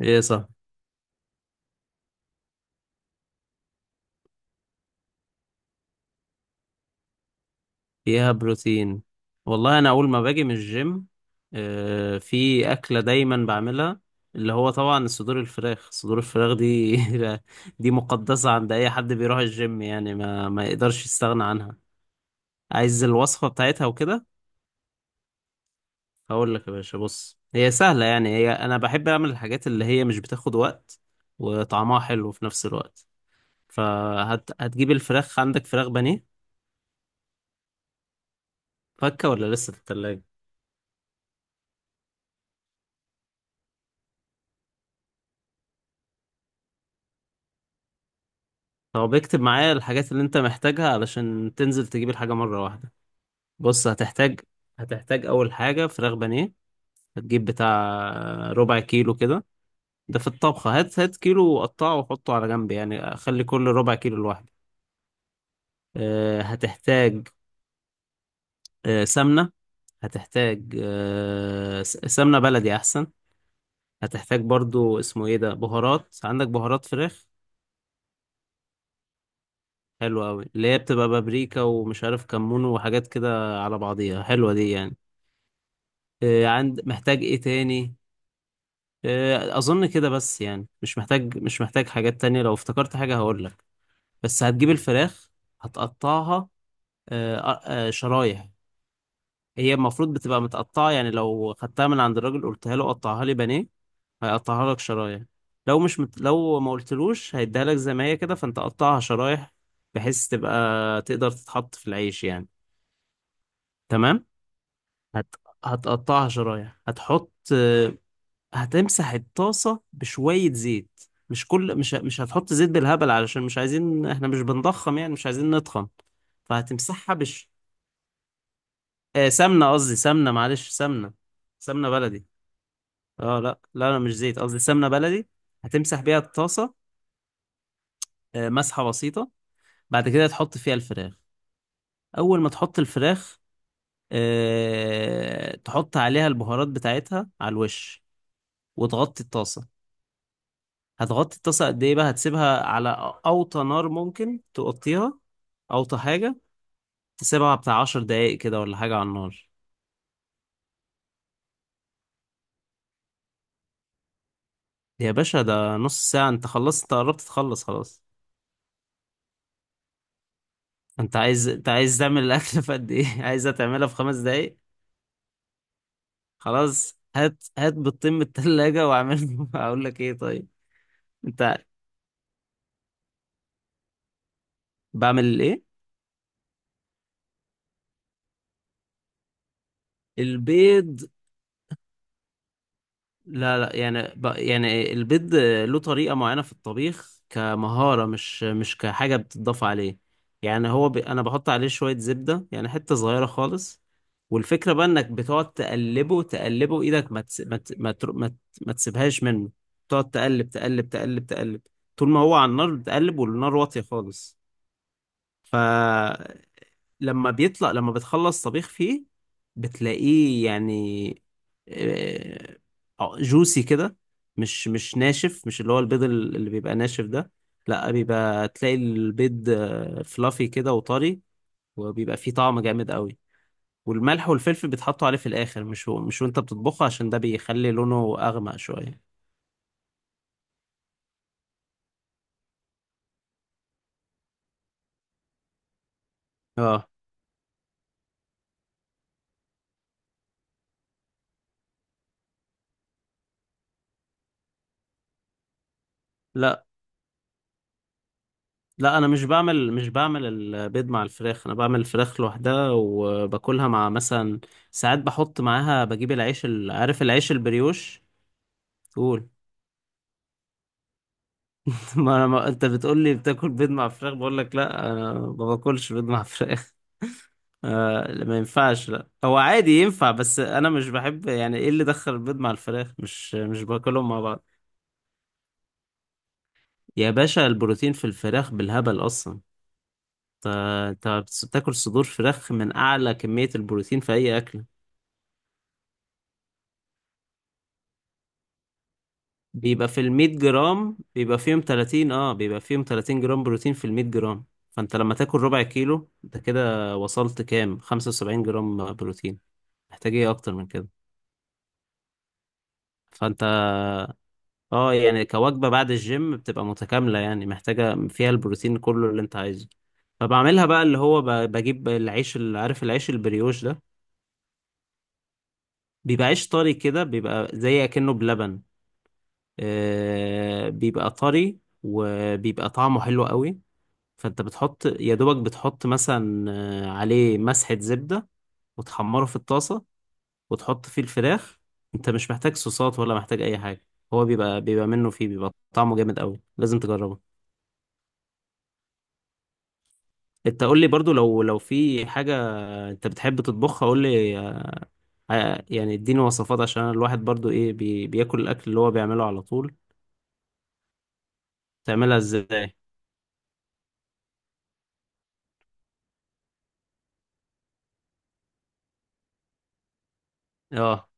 ايه صح. فيها بروتين. والله انا اول ما باجي من الجيم في اكله دايما بعملها، اللي هو طبعا صدور الفراخ دي دي مقدسه عند اي حد بيروح الجيم، يعني ما يقدرش يستغنى عنها. عايز الوصفه بتاعتها وكده. هقول لك يا باشا، بص هي سهله، يعني هي انا بحب اعمل الحاجات اللي هي مش بتاخد وقت وطعمها حلو في نفس الوقت. فهتجيب الفراخ. عندك فراخ بانيه؟ فكه ولا لسه في التلاجة؟ هو بيكتب معايا الحاجات اللي انت محتاجها علشان تنزل تجيب الحاجة مرة واحدة. بص هتحتاج، اول حاجة فراخ بانيه. هتجيب بتاع ربع كيلو كده. ده في الطبخة هات هات كيلو وقطعه وحطه على جنب، يعني خلي كل ربع كيلو لوحده. هتحتاج سمنة. هتحتاج سمنة بلدي احسن. هتحتاج برضو اسمه ايه ده، بهارات. عندك بهارات فراخ؟ حلوة أوي، اللي هي بتبقى بابريكا ومش عارف كمون وحاجات كده على بعضيها، حلوة دي يعني. عند محتاج ايه تاني؟ اظن كده بس، يعني مش محتاج حاجات تانية. لو افتكرت حاجة هقولك. بس هتجيب الفراخ، هتقطعها شرايح. هي المفروض بتبقى متقطعة، يعني لو خدتها من عند الراجل قلتها له قطعها لي بانيه هيقطعها لك شرايح. لو مش مت... لو ما قلتلوش هيديها لك زي ما هي كده، فانت قطعها شرايح بحيث تبقى تقدر تتحط في العيش يعني. تمام. هت... هتقطعها شرايح، هتحط، هتمسح الطاسة بشوية زيت. مش كل مش مش هتحط زيت بالهبل، علشان مش عايزين، احنا مش بنضخم يعني، مش عايزين نتخن. فهتمسحها سمنة، قصدي سمنة، معلش سمنة، سمنة بلدي. اه، لا لا لا مش زيت، قصدي سمنة بلدي. هتمسح بيها الطاسة، مسحة بسيطة. بعد كده تحط فيها الفراخ. أول ما تحط الفراخ تحط عليها البهارات بتاعتها على الوش وتغطي الطاسة. هتغطي الطاسة قد ايه بقى؟ هتسيبها على اوطى نار، ممكن تغطيها اوطى حاجة. تسيبها بتاع 10 دقايق كده ولا حاجة على النار. يا باشا، ده نص ساعة، انت خلصت، انت قربت تخلص خلاص. انت عايز تعمل الاكل في قد ايه؟ عايزها تعملها في 5 دقايق؟ خلاص هات هات بيضتين من التلاجة واعمله. اقول لك ايه، طيب. انت بعمل ايه؟ البيض. لا لا، يعني يعني البيض له طريقة معينة في الطبيخ كمهارة، مش كحاجة بتضاف عليه. يعني أنا بحط عليه شوية زبدة، يعني حتة صغيرة خالص. والفكرة بقى إنك بتقعد تقلبه تقلبه، إيدك ما تس... ما ت... ما, تر... ما, ت... ما تسيبهاش منه. تقعد تقلب تقلب تقلب تقلب طول ما هو على النار، بتقلب والنار واطية خالص. ف لما بتخلص طبيخ فيه بتلاقيه يعني جوسي كده، مش ناشف، مش اللي هو البيض اللي بيبقى ناشف ده. لا، بيبقى تلاقي البيض فلافي كده وطري، وبيبقى فيه طعم جامد قوي. والملح والفلفل بيتحطوا عليه في الاخر، مش هو مش وانت بتطبخه، عشان ده بيخلي لونه اغمق شويه. اه، لا لا، انا مش بعمل البيض مع الفراخ، انا بعمل الفراخ لوحدها وباكلها مع مثلا، ساعات بحط معاها، بجيب العيش عارف العيش البريوش. قول. ما انا ما... انت بتقول لي بتاكل بيض مع فراخ، بقول لك لا انا ما باكلش بيض مع فراخ. آه لا، ما ينفعش، لا هو عادي ينفع بس انا مش بحب، يعني ايه اللي دخل البيض مع الفراخ، مش باكلهم مع بعض. يا باشا البروتين في الفراخ بالهبل اصلا. انت أنت بتاكل صدور فراخ من اعلى كمية البروتين في اي اكل. بيبقى في ال 100 جرام بيبقى فيهم 30، اه بيبقى فيهم 30 جرام بروتين في ال 100 جرام. فانت لما تاكل ربع كيلو انت كده وصلت كام، 75 جرام بروتين. محتاج ايه اكتر من كده؟ فانت، اه يعني كوجبة بعد الجيم بتبقى متكاملة يعني، محتاجة فيها البروتين كله اللي انت عايزه. فبعملها بقى اللي هو بجيب العيش اللي، عارف العيش البريوش ده، بيبقى عيش طري كده، بيبقى زي اكنه بلبن. آه بيبقى طري وبيبقى طعمه حلو قوي. فانت بتحط يا دوبك، بتحط مثلا عليه مسحة زبدة وتحمره في الطاسة وتحط فيه الفراخ. انت مش محتاج صوصات ولا محتاج اي حاجة. هو بيبقى منه فيه، بيبقى طعمه جامد قوي، لازم تجربه. انت قول لي برضو لو في حاجة انت بتحب تطبخها، قول لي يعني اديني وصفات، عشان أنا الواحد برضو ايه بياكل الاكل اللي هو بيعمله على طول. تعملها ازاي؟ اه.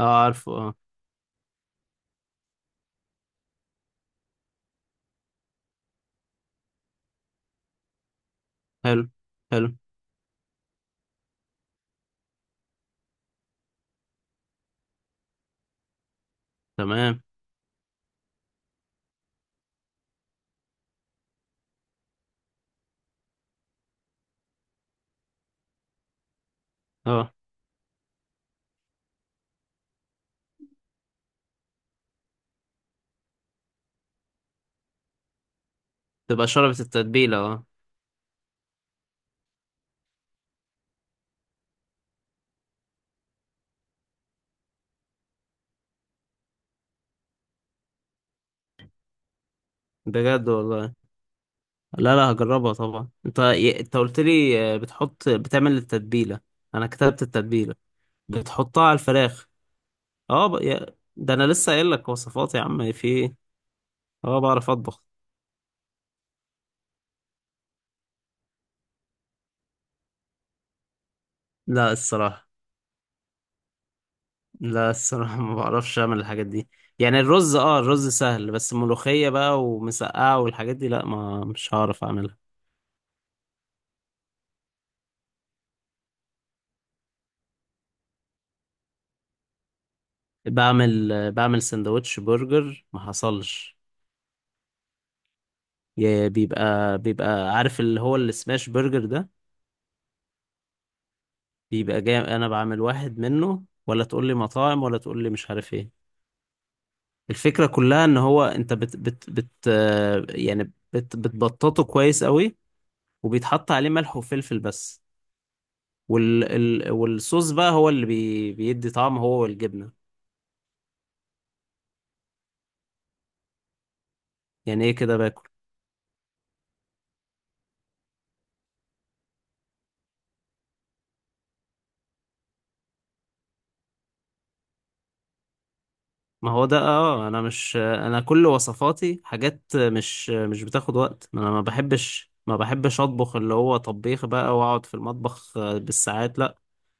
اه عارفه اه. حلو. حلو. تمام. اه، تبقى شربت التتبيلة، اه. بجد والله. لا لا، هجربها طبعا. انت انت قلت لي بتحط، بتعمل التتبيله، انا كتبت التتبيله، بتحطها على الفراخ. اه ده انا لسه قايل لك وصفات يا عم، في ايه. اه بعرف اطبخ. لا الصراحه، لا الصراحه ما بعرفش اعمل الحاجات دي. يعني الرز اه الرز سهل بس ملوخيه بقى ومسقعه والحاجات دي لا، ما مش هعرف اعملها. بعمل بعمل سندوتش برجر ما حصلش. بيبقى عارف اللي هو السماش برجر ده، بيبقى جاي انا بعمل واحد منه ولا تقول لي مطاعم ولا تقول لي مش عارف ايه. الفكرة كلها ان هو انت بت بت بت يعني بتبططه كويس قوي، وبيتحط عليه ملح وفلفل بس. وال ال والصوص بقى هو اللي بيدي طعم، هو والجبنة. يعني ايه كده باكل؟ ما هو ده. اه انا مش، انا كل وصفاتي حاجات مش بتاخد وقت، ما انا ما بحبش اطبخ اللي هو طبيخ بقى واقعد في المطبخ بالساعات لا.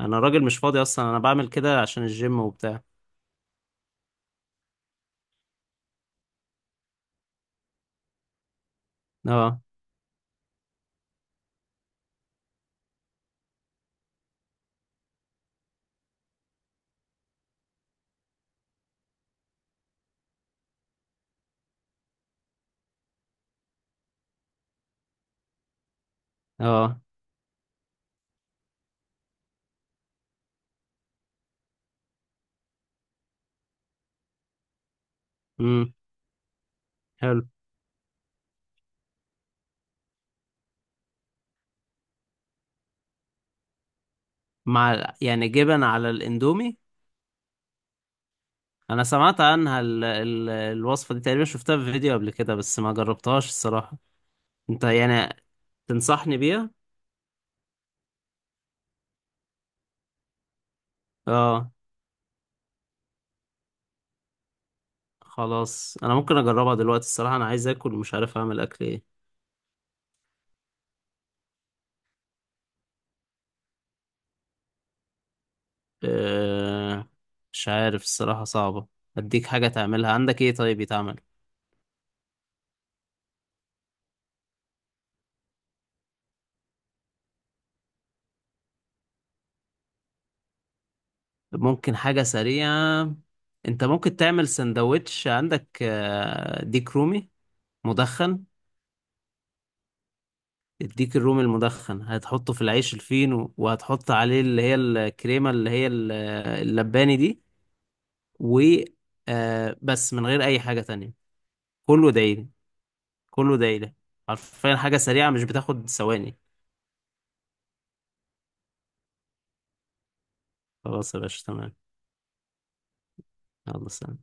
انا راجل مش فاضي اصلا، انا بعمل كده عشان الجيم وبتاع. اه. اه. امم. حلو. مع يعني جبن على الاندومي؟ انا سمعت عنها الوصفة دي تقريبا، شفتها في فيديو قبل كده بس ما جربتهاش الصراحة. انت يعني تنصحني بيها؟ اه. خلاص انا ممكن اجربها دلوقتي الصراحة، انا عايز اكل ومش عارف اعمل اكل ايه. أه... مش عارف الصراحة صعبة. اديك حاجة تعملها، عندك ايه طيب يتعمل؟ ممكن حاجة سريعة. انت ممكن تعمل سندوتش. عندك ديك رومي مدخن. الديك الرومي المدخن هتحطه في العيش الفينو وهتحط عليه اللي هي الكريمة اللي هي اللباني دي، و بس من غير أي حاجة تانية. كله دايلي. كله دايلي، حرفيا حاجة سريعة مش بتاخد ثواني. خلاص يا باشا تمام. يلا سلام.